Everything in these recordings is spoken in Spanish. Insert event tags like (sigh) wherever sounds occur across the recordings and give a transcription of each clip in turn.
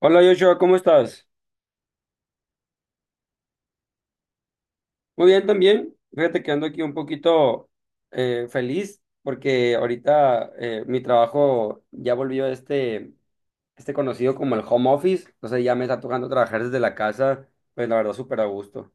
Hola Joshua, ¿cómo estás? Muy bien también. Fíjate que ando aquí un poquito feliz porque ahorita mi trabajo ya volvió a este conocido como el home office. Entonces ya me está tocando trabajar desde la casa, pues la verdad súper a gusto.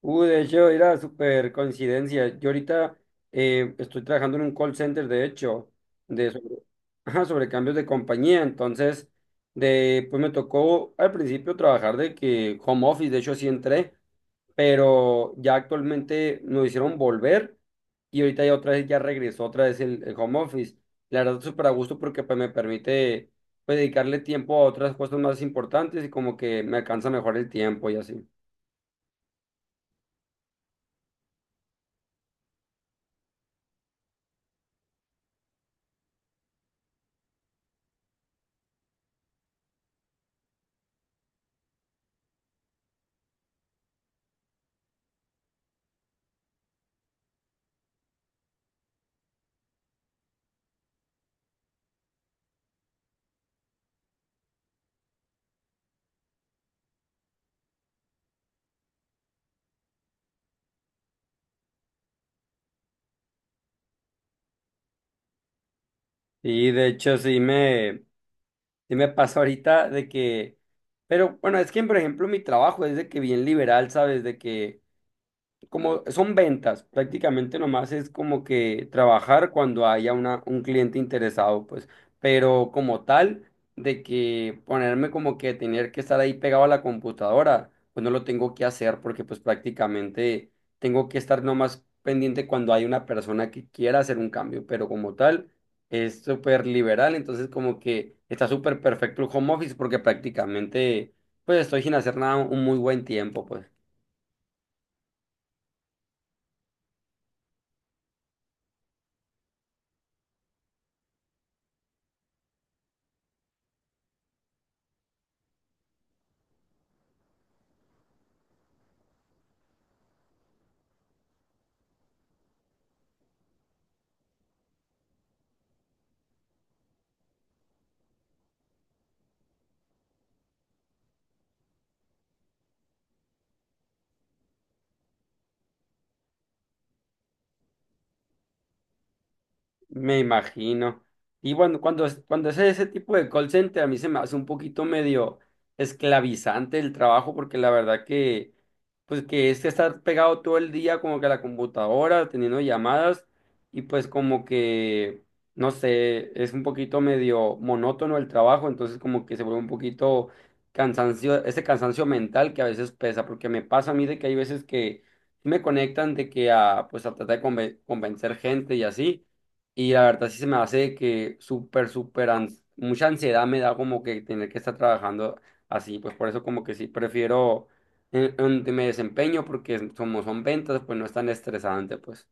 De hecho, era súper coincidencia. Yo ahorita estoy trabajando en un call center, de hecho, de sobre, ajá, sobre cambios de compañía. Entonces, de, pues me tocó al principio trabajar de que home office, de hecho así entré. Pero ya actualmente nos hicieron volver y ahorita ya otra vez ya regresó otra vez el home office. La verdad, súper a gusto porque pues me permite pues dedicarle tiempo a otras cosas más importantes y como que me alcanza mejor el tiempo y así. Y de hecho sí me (laughs) pasa ahorita de que, pero bueno, es que por ejemplo mi trabajo es de que bien liberal, ¿sabes? De que como son ventas, prácticamente nomás es como que trabajar cuando haya un cliente interesado, pues, pero como tal, de que ponerme como que tener que estar ahí pegado a la computadora, pues no lo tengo que hacer porque pues prácticamente tengo que estar nomás pendiente cuando hay una persona que quiera hacer un cambio, pero como tal es súper liberal, entonces como que está súper perfecto el home office porque prácticamente pues estoy sin hacer nada un muy buen tiempo, pues. Me imagino. Y bueno, cuando es ese tipo de call center, a mí se me hace un poquito medio esclavizante el trabajo, porque la verdad que, pues que es que estar pegado todo el día como que a la computadora, teniendo llamadas, y pues como que, no sé, es un poquito medio monótono el trabajo, entonces como que se vuelve un poquito cansancio, ese cansancio mental que a veces pesa, porque me pasa a mí de que hay veces que me conectan de que a, pues a tratar de convencer gente y así. Y la verdad sí se me hace que mucha ansiedad me da como que tener que estar trabajando así, pues por eso como que sí prefiero en donde me desempeño como son ventas, pues no es tan estresante, pues.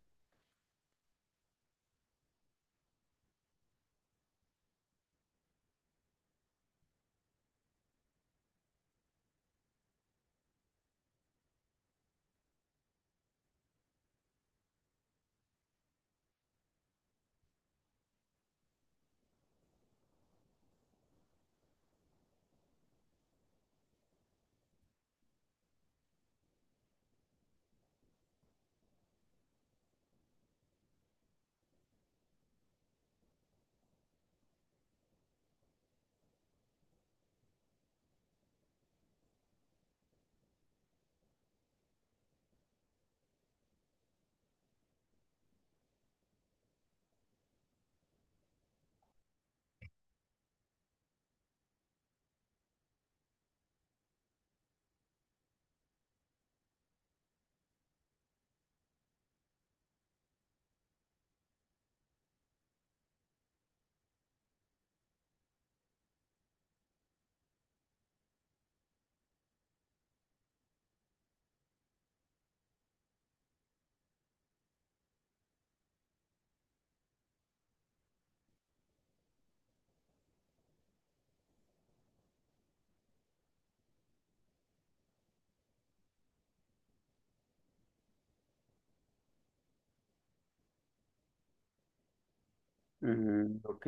Mm, ok.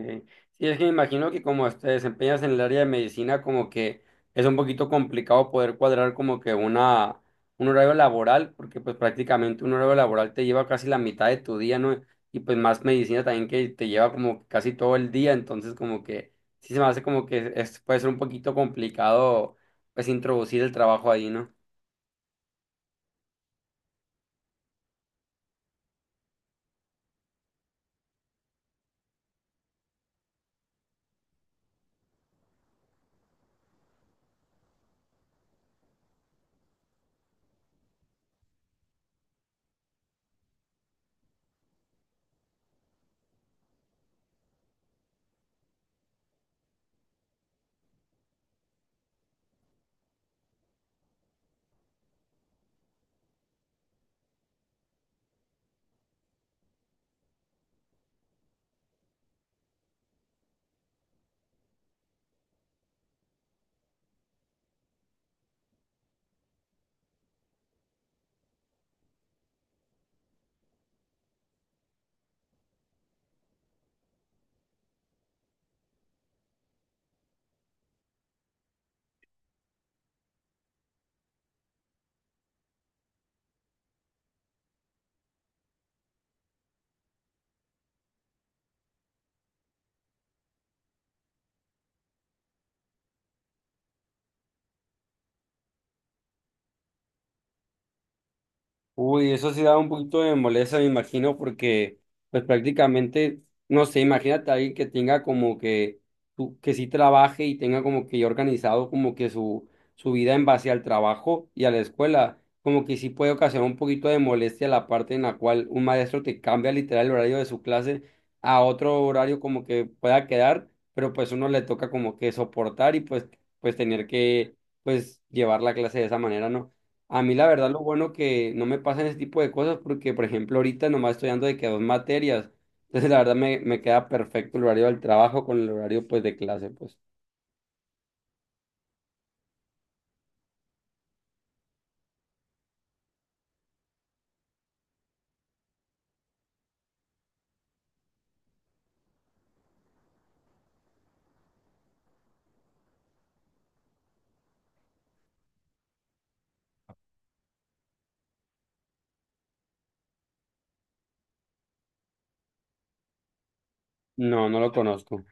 Sí, es que me imagino que como te desempeñas en el área de medicina, como que es un poquito complicado poder cuadrar como que un horario laboral, porque pues prácticamente un horario laboral te lleva casi la mitad de tu día, ¿no? Y pues más medicina también que te lleva como casi todo el día, entonces como que sí se me hace como que es, puede ser un poquito complicado pues introducir el trabajo ahí, ¿no? Uy, eso sí da un poquito de molestia, me imagino, porque pues prácticamente, no sé, imagínate a alguien que tenga como que, que sí trabaje y tenga como que ya organizado como que su vida en base al trabajo y a la escuela, como que sí puede ocasionar un poquito de molestia la parte en la cual un maestro te cambia literal el horario de su clase a otro horario como que pueda quedar, pero pues uno le toca como que soportar y pues, pues tener que pues llevar la clase de esa manera, ¿no? A mí la verdad lo bueno que no me pasan ese tipo de cosas porque, por ejemplo, ahorita nomás estoy dando de que dos materias. Entonces, la verdad me queda perfecto el horario del trabajo con el horario pues de clase, pues. No, no lo conozco.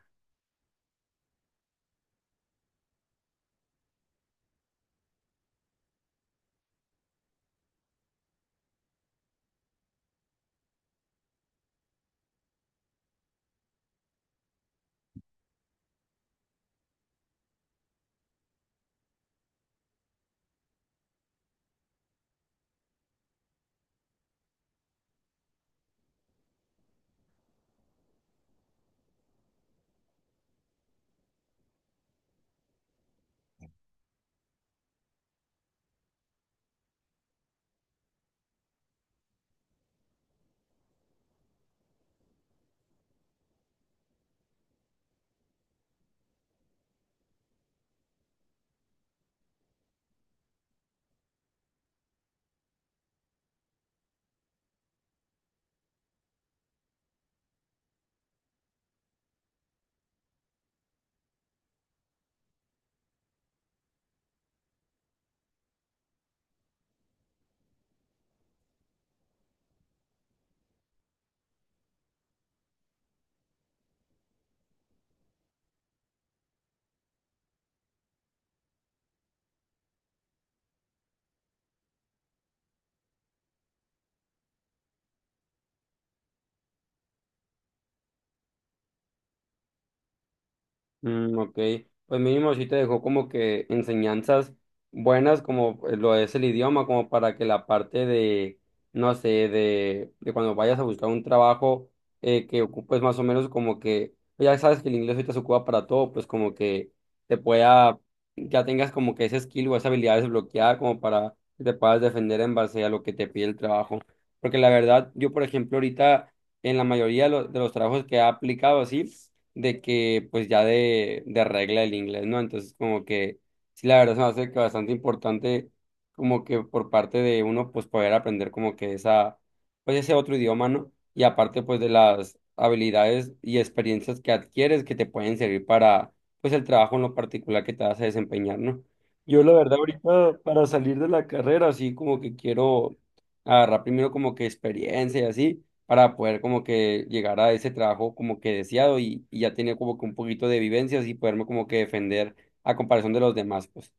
Mm, ok, pues mínimo sí te dejó como que enseñanzas buenas como lo es el idioma, como para que la parte de, no sé, de cuando vayas a buscar un trabajo que ocupes más o menos como que, pues ya sabes que el inglés ahorita se ocupa para todo, pues como que te pueda, ya tengas como que ese skill o esa habilidad desbloqueada como para que te puedas defender en base a lo que te pide el trabajo. Porque la verdad, yo por ejemplo ahorita en la mayoría de de los trabajos que he aplicado así, de que pues ya de regla el inglés, ¿no? Entonces como que sí, la verdad se me hace que bastante importante como que por parte de uno pues poder aprender como que esa, pues ese otro idioma, ¿no? Y aparte pues de las habilidades y experiencias que adquieres que te pueden servir para pues el trabajo en lo particular que te vas a desempeñar, ¿no? Yo la verdad ahorita para salir de la carrera, así como que quiero agarrar primero como que experiencia y así para poder como que llegar a ese trabajo como que deseado y ya tenía como que un poquito de vivencias y poderme como que defender a comparación de los demás, pues.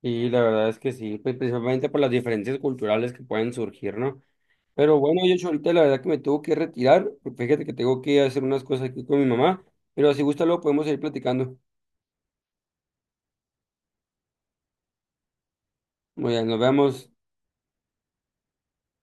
Y la verdad es que sí, pues principalmente por las diferencias culturales que pueden surgir, ¿no? Pero bueno, yo ahorita la verdad que me tengo que retirar, porque fíjate que tengo que hacer unas cosas aquí con mi mamá, pero si gusta luego podemos seguir platicando. Muy bien, nos vemos.